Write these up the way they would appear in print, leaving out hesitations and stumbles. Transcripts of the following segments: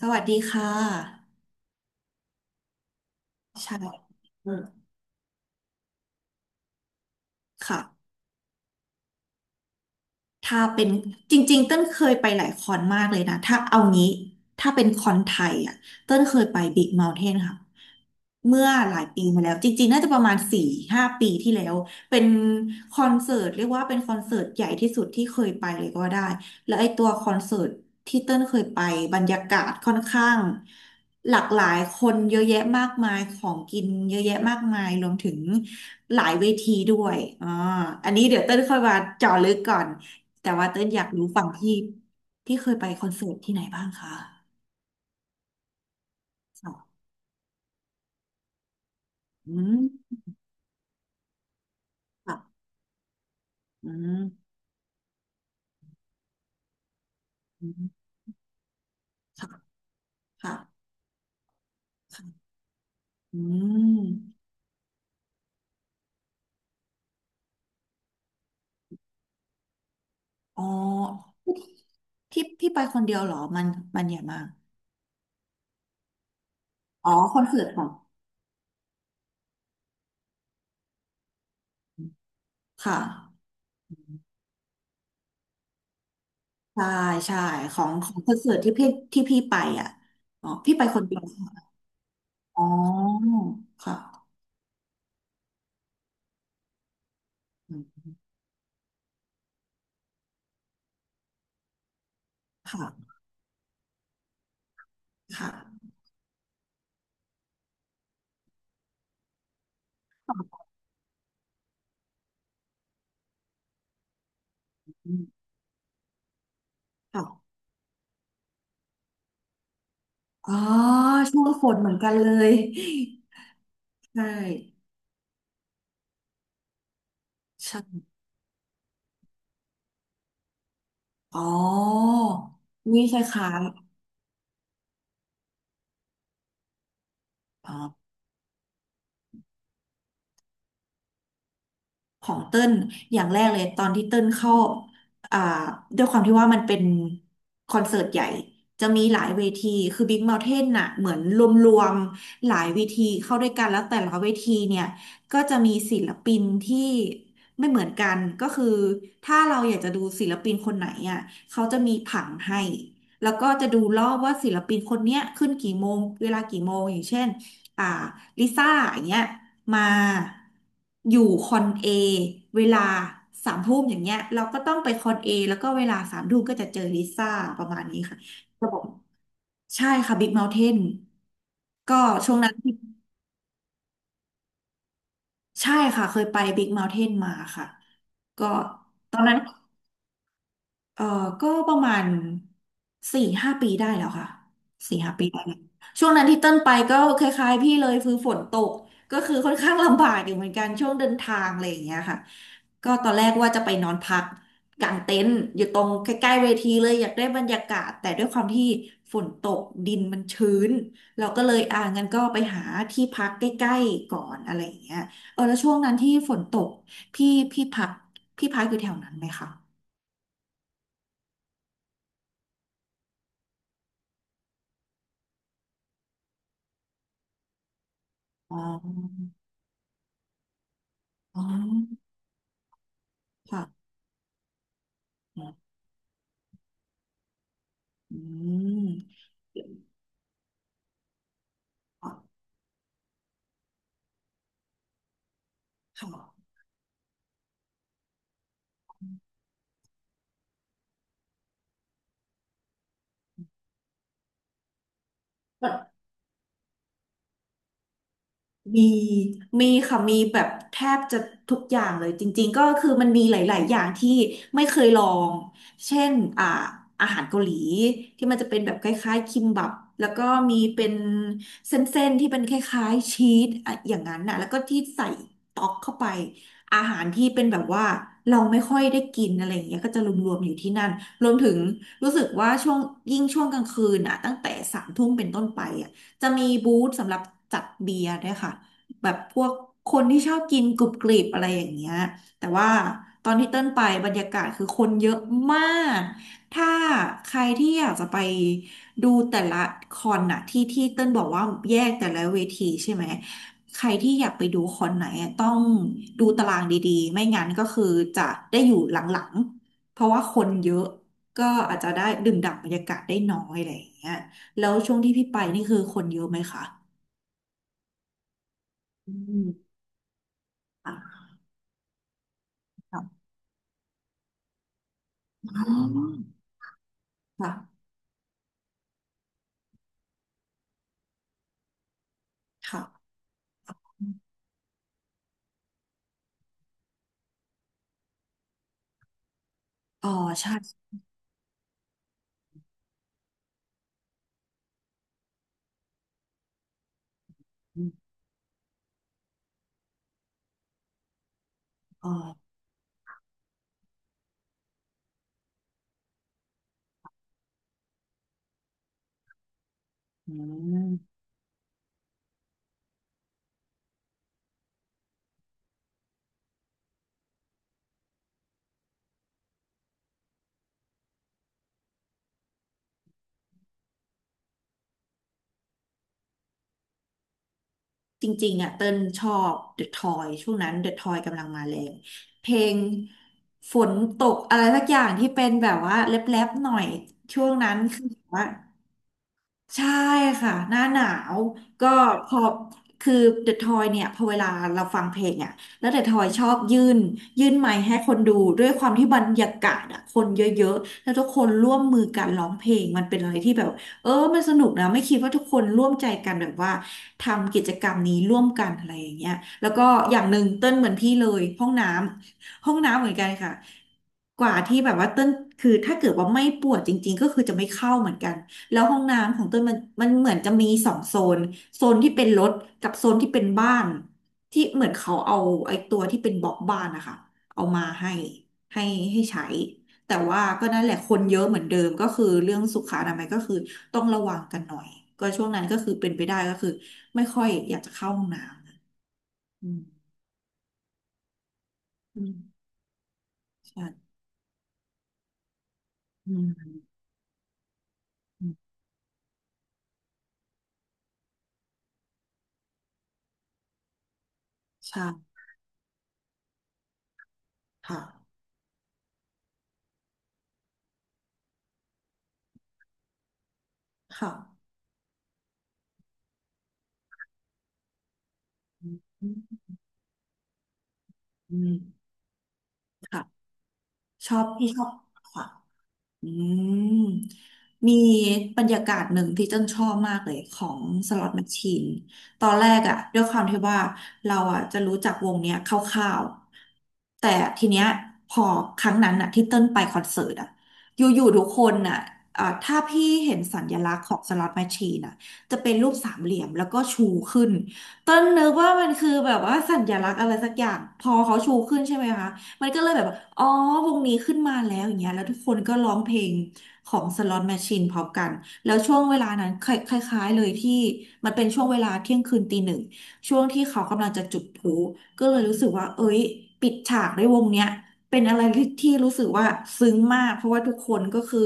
สวัสดีค่ะใช่อืมค่ะถ้าเป็นจริงๆเต้นเคยไปหลายคอนมากเลยนะถ้าเอางี้ถ้าเป็นคอนไทยอ่ะเต้นเคยไปบิ๊กเมา t ์เทนค่ะเมื่อหลายปีมาแล้วจริงๆน่าจะประมาณสี่ห้าปีที่แล้วเป็นคอนเสิร์ตเรียกว่าเป็นคอนเสิร์ตใหญ่ที่สุดที่เคยไปเลยก็ว่าได้แล้วไอ้ตัวคอนเสิร์ต ที่เติ้ลเคยไปบรรยากาศค่อนข้างหลากหลายคนเยอะแยะมากมายของกินเยอะแยะมากมายรวมถึงหลายเวทีด้วยอันนี้เดี๋ยวเติ้ลค่อยมาเจาะลึกก่อนแต่ว่าเติ้ลอยากรู้ฝั่งที่ที่เคยไปคอนเสิร์ตที่ไหนบ้างคะค่ะอืมค่ะอืมอืมค่ะค่ะค่ะอืมอ๋อที่ไปคนเดียวเหรอมันใหญ่มากอ๋อคอนเสิร์ตค่ะค่ะ ใช่ใช่ของคอนเสิร์ตที่พี่ไปอ่ะอ๋อพี่ไปคนเดียวอ๋อค่ะอืมค่ะค่ะอืมค่ะอ๋อช่วงฝนเหมือนกันเลยใช่ใช่อ๋อนี่คล้ายๆอ๋อ ของเติ้ลอย่างแรกเลยตอนที่เติ้ลเข้าอ่าด้วยความที่ว่ามันเป็นคอนเสิร์ตใหญ่จะมีหลายเวทีคือ Big Mountain น่ะเหมือนรวมๆหลายเวทีเข้าด้วยกันแล้วแต่ละเวทีเนี่ยก็จะมีศิลปินที่ไม่เหมือนกันก็คือถ้าเราอยากจะดูศิลปินคนไหนอ่ะเขาจะมีผังให้แล้วก็จะดูรอบว่าศิลปินคนเนี้ยขึ้นกี่โมงเวลากี่โมงอย่างเช่น อ่าลิซ่าอย่างเงี้ยมาอยู่คอนเอเวลาสามทุ่มอย่างเงี้ยเราก็ต้องไปคอนเอแล้วก็เวลาสามทุ่มก็จะเจอลิซ่าประมาณนี้ค่ะระบบใช่ค่ะบิ๊กเมาน์เทนก็ช่วงนั้นใช่ค่ะเคยไปบิ๊กเมาน์เทนมาค่ะก็ตอนนั้น เออก็ประมาณสี่ห้าปีได้แล้วค่ะสี่ห้าปีได้แล้วช่วงนั้นที่เต้นไปก็คล้ายๆพี่เลยคือฝนตกก็คือค่อนข้างลำบากอยู่เหมือนกันช่วงเดินทางอะไรอย่างเงี้ยค่ะก็ตอนแรกว่าจะไปนอนพักกางเต็นท์อยู่ตรงใกล้ๆเวทีเลยอยากได้บรรยากาศแต่ด้วยความที่ฝนตกดินมันชื้นเราก็เลยอ่างั้นก็ไปหาที่พักใกล้ๆก่อนอะไรอย่างเงี้ยเออแล้วช่วงนั้นที่ฝนตกพี่พี่พี่พักอยู่แถวนั้นไหมคะอ๋อ อ๋อค่ะอืมค่ะ มีมีค่ะมีแบบแทบจะทุกอย่างเลยจริงๆก็คือมันมีหลายๆอย่างที่ไม่เคยลอง เช่นอ่าอาหารเกาหลีที่มันจะเป็นแบบคล้ายๆคิมบับแล้วก็มีเป็นเส้นๆที่เป็นคล้ายๆชีสอะอย่างนั้นน่ะแล้วก็ที่ใส่ต๊อกเข้าไปอาหารที่เป็นแบบว่าเราไม่ค่อยได้กินอะไรอย่างเงี้ยก็จะรวมๆอยู่ที่นั่นรวมถึงรู้สึกว่าช่วงยิ่งช่วงกลางคืนอ่ะตั้งแต่สามทุ่มเป็นต้นไปอ่ะ จะมีบูธสำหรับจัดเบียร์ด้วยค่ะแบบพวกคนที่ชอบกินกรุบกริบอะไรอย่างเงี้ยแต่ว่าตอนที่เติ้ลไปบรรยากาศคือคนเยอะมากถ้าใครที่อยากจะไปดูแต่ละคอนน่ะที่ที่เติ้ลบอกว่าแยกแต่ละเวทีใช่ไหมใครที่อยากไปดูคอนไหนอะต้องดูตารางดีๆไม่งั้นก็คือจะได้อยู่หลังๆเพราะว่าคนเยอะก็อาจจะได้ดื่มด่ำบรรยากาศได้น้อยอะไรอย่างเงี้ย แล้วช่วงที่พี่ไปนี่คือคนเยอะไหมคะอืมค่ะค่ะอ๋อค่ะค่ะอ๋อใช่อ๋ออืมจริงๆอ่ะเติ้ลชอบ The Toy ช่วงนั้น The Toy กำลังมาแรงเพลงฝนตกอะไรสักอย่างที่เป็นแบบว่าแรปๆหน่อยช่วงนั้นคือแบบว่า ใช่ค่ะหน้าหนาวก็พอคือเดอะทอยเนี่ยพอเวลาเราฟังเพลงอ่ะแล้วเดอะทอยชอบยื่นไมค์ให้คนดูด้วยความที่บรรยากาศอ่ะคนเยอะๆแล้วทุกคนร่วมมือกันร้องเพลงมันเป็นอะไรที่แบบเออมันสนุกนะไม่คิดว่าทุกคนร่วมใจกันแบบว่าทำกิจกรรมนี้ร่วมกันอะไรอย่างเงี้ยแล้วก็อย่างหนึ่งเต้นเหมือนพี่เลยห้องน้ำเหมือนกันค่ะกว่าที่แบบว่าเต้นคือถ้าเกิดว่าไม่ปวดจริงๆก็คือจะไม่เข้าเหมือนกัน แล้วห้องน้ำของเต้ยมันเหมือนจะมีสองโซนโซนที่เป็นรถกับโซนที่เป็นบ้านที่เหมือนเขาเอาไอ้ตัวที่เป็นบล็อกบ้านนะคะเอามาให้ให้ใช้แต่ว่าก็นั่นแหละคนเยอะเหมือนเดิมก็คือเรื่องสุขอนามัยก็คือต้องระวังกันหน่อยก็ช่วงนั้นก็คือเป็นไปได้ก็คือไม่ค่อยอยากจะเข้าห้องน้ำอืมอืมใช่อืมอืมใช่ค่ะค่ะอืมอืมอค่ะชอบที่ชอบค่ะ อืมมีบรรยากาศหนึ่งที่เจ้นชอบมากเลยของสล็อตแมชชีนตอนแรกอะด้วยความที่ว่าเราอะจะรู้จักวงเนี้ยคร่าวๆแต่ทีเนี้ยพอครั้งนั้นอะที่เต้นไปคอนเสิร์ตอะอยู่ๆทุกคนอะถ้าพี่เห็นสัญลักษณ์ของสล็อตแมชชีนอะจะเป็นรูปสามเหลี่ยมแล้วก็ชูขึ้นเต้นนึกว่ามันคือแบบว่าสัญลักษณ์อะไรสักอย่างพอเขาชูขึ้นใช่ไหมคะ มันก็เลยแบบว่าอ๋อวงนี้ขึ้นมาแล้วอย่างเงี้ยแล้วทุกคนก็ร้องเพลงของ Slot Machine พร้อมกันแล้วช่วงเวลานั้นคล้ายๆเลยที่มันเป็นช่วงเวลาเที่ยงคืนตีหนึ่งช่วงที่เขากำลังจะจุดพลุก็เลยรู้สึกว่าเอ้ยปิดฉากด้วยวงเนี้ยเป็นอะไรที่รู้สึกว่าซึ้งมากเพราะว่าทุกคนก็คือ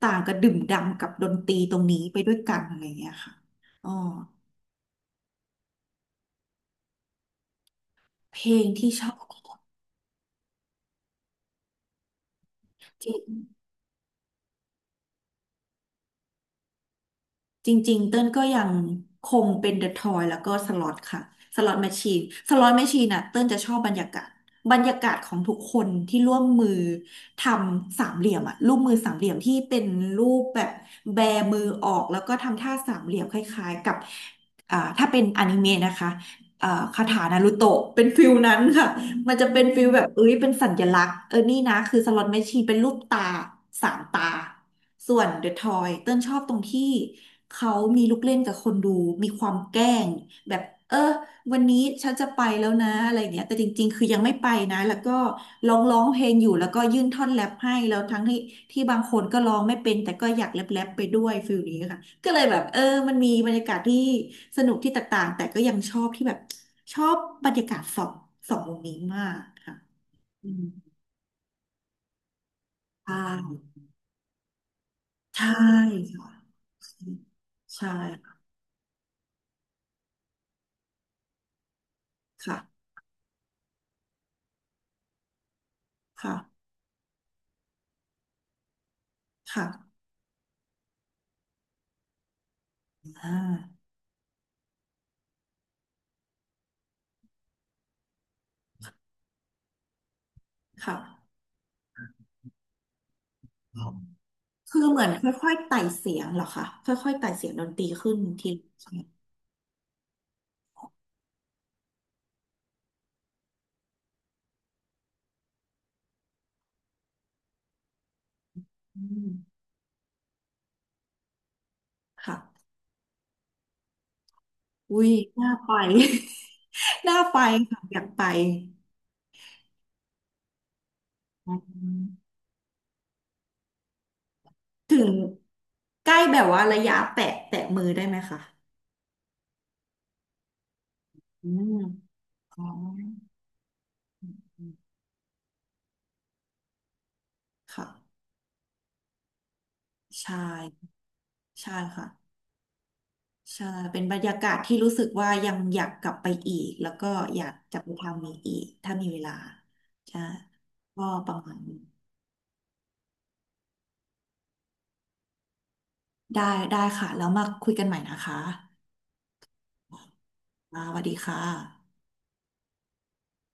ต่างกระดื่มด่ำกับดนตรีตรงนี้ไปด้วยกันอะไรอย่างเงี้ยค่ะอ๋อเพลงที่ชอบ จริงๆ เต้นก็ยังคงเป็นเดอะทอยแล้วก็สล็อตค่ะสล็อตแมชชีนสล็อตแมชชีนน่ะเต้นจะชอบบรรยากาศ บรรยากาศของทุกคนที่ร่วมมือทำสามเหลี่ยมอะรูปมือสามเหลี่ยมที่เป็นรูปแบบแบมือออกแล้วก็ทำท่าสามเหลี่ยมคล้ายๆกับถ้าเป็นอนิเมะนะคะคาถานารูโตะเป็นฟิลนั้นค่ะมันจะเป็นฟิลแบบเอ้ยเป็นสัญลักษณ์เออนี่นะคือสล็อตแมชชีนเป็นรูปตาสามตา ส่วนเดอะทอยเติ้ลชอบตรงที่เขามีลูกเล่นกับคนดูมีความแกล้งแบบเออวันนี้ฉันจะไปแล้วนะอะไรเงี้ยแต่จริงๆคือยังไม่ไปนะแล้วก็ร้องเพลงอยู่แล้วก็ยื่นท่อนแรปให้แล้วทั้งที่บางคนก็ร้องไม่เป็นแต่ก็อยากแรปไปด้วยฟิลนี้ค่ะก็เลยแบบมันมีบรรยากาศที่สนุกที่แตกต่างแต่ก็ยังชอบที่แบบชอบบรรยากาศสองวงนี้มากค่ะอืมใช่ใช่ค่ะใช่ค่ะ ค่ะ ค่ะอ่าค่ะครับคือเหมือนค่อยๆไต่เสียงเหรอคะ ค่อยๆไต่เสียงดนตรีขึ้นทีละใช่ไหมอืมค่ะอุ้ยน่าไป น่าไปค่ะ อยากไปอืมถึงใกล้แบบว่าระยะแตะมือได้ไหมคะ อืมอ๋ออืมค่ะ ใช่ ใช่ค่ะ ใช่ เป็นบรรยากาศที่รู้สึกว่ายังอยากกลับไปอีก แล้วก็อยากจะไปทำอีกถ้ามีเวลาใช่ก็ประมาณนี้ได้ค่ะ แล้วมาคุยกันใหม่นะคะอ่าสวัสดีค่ะ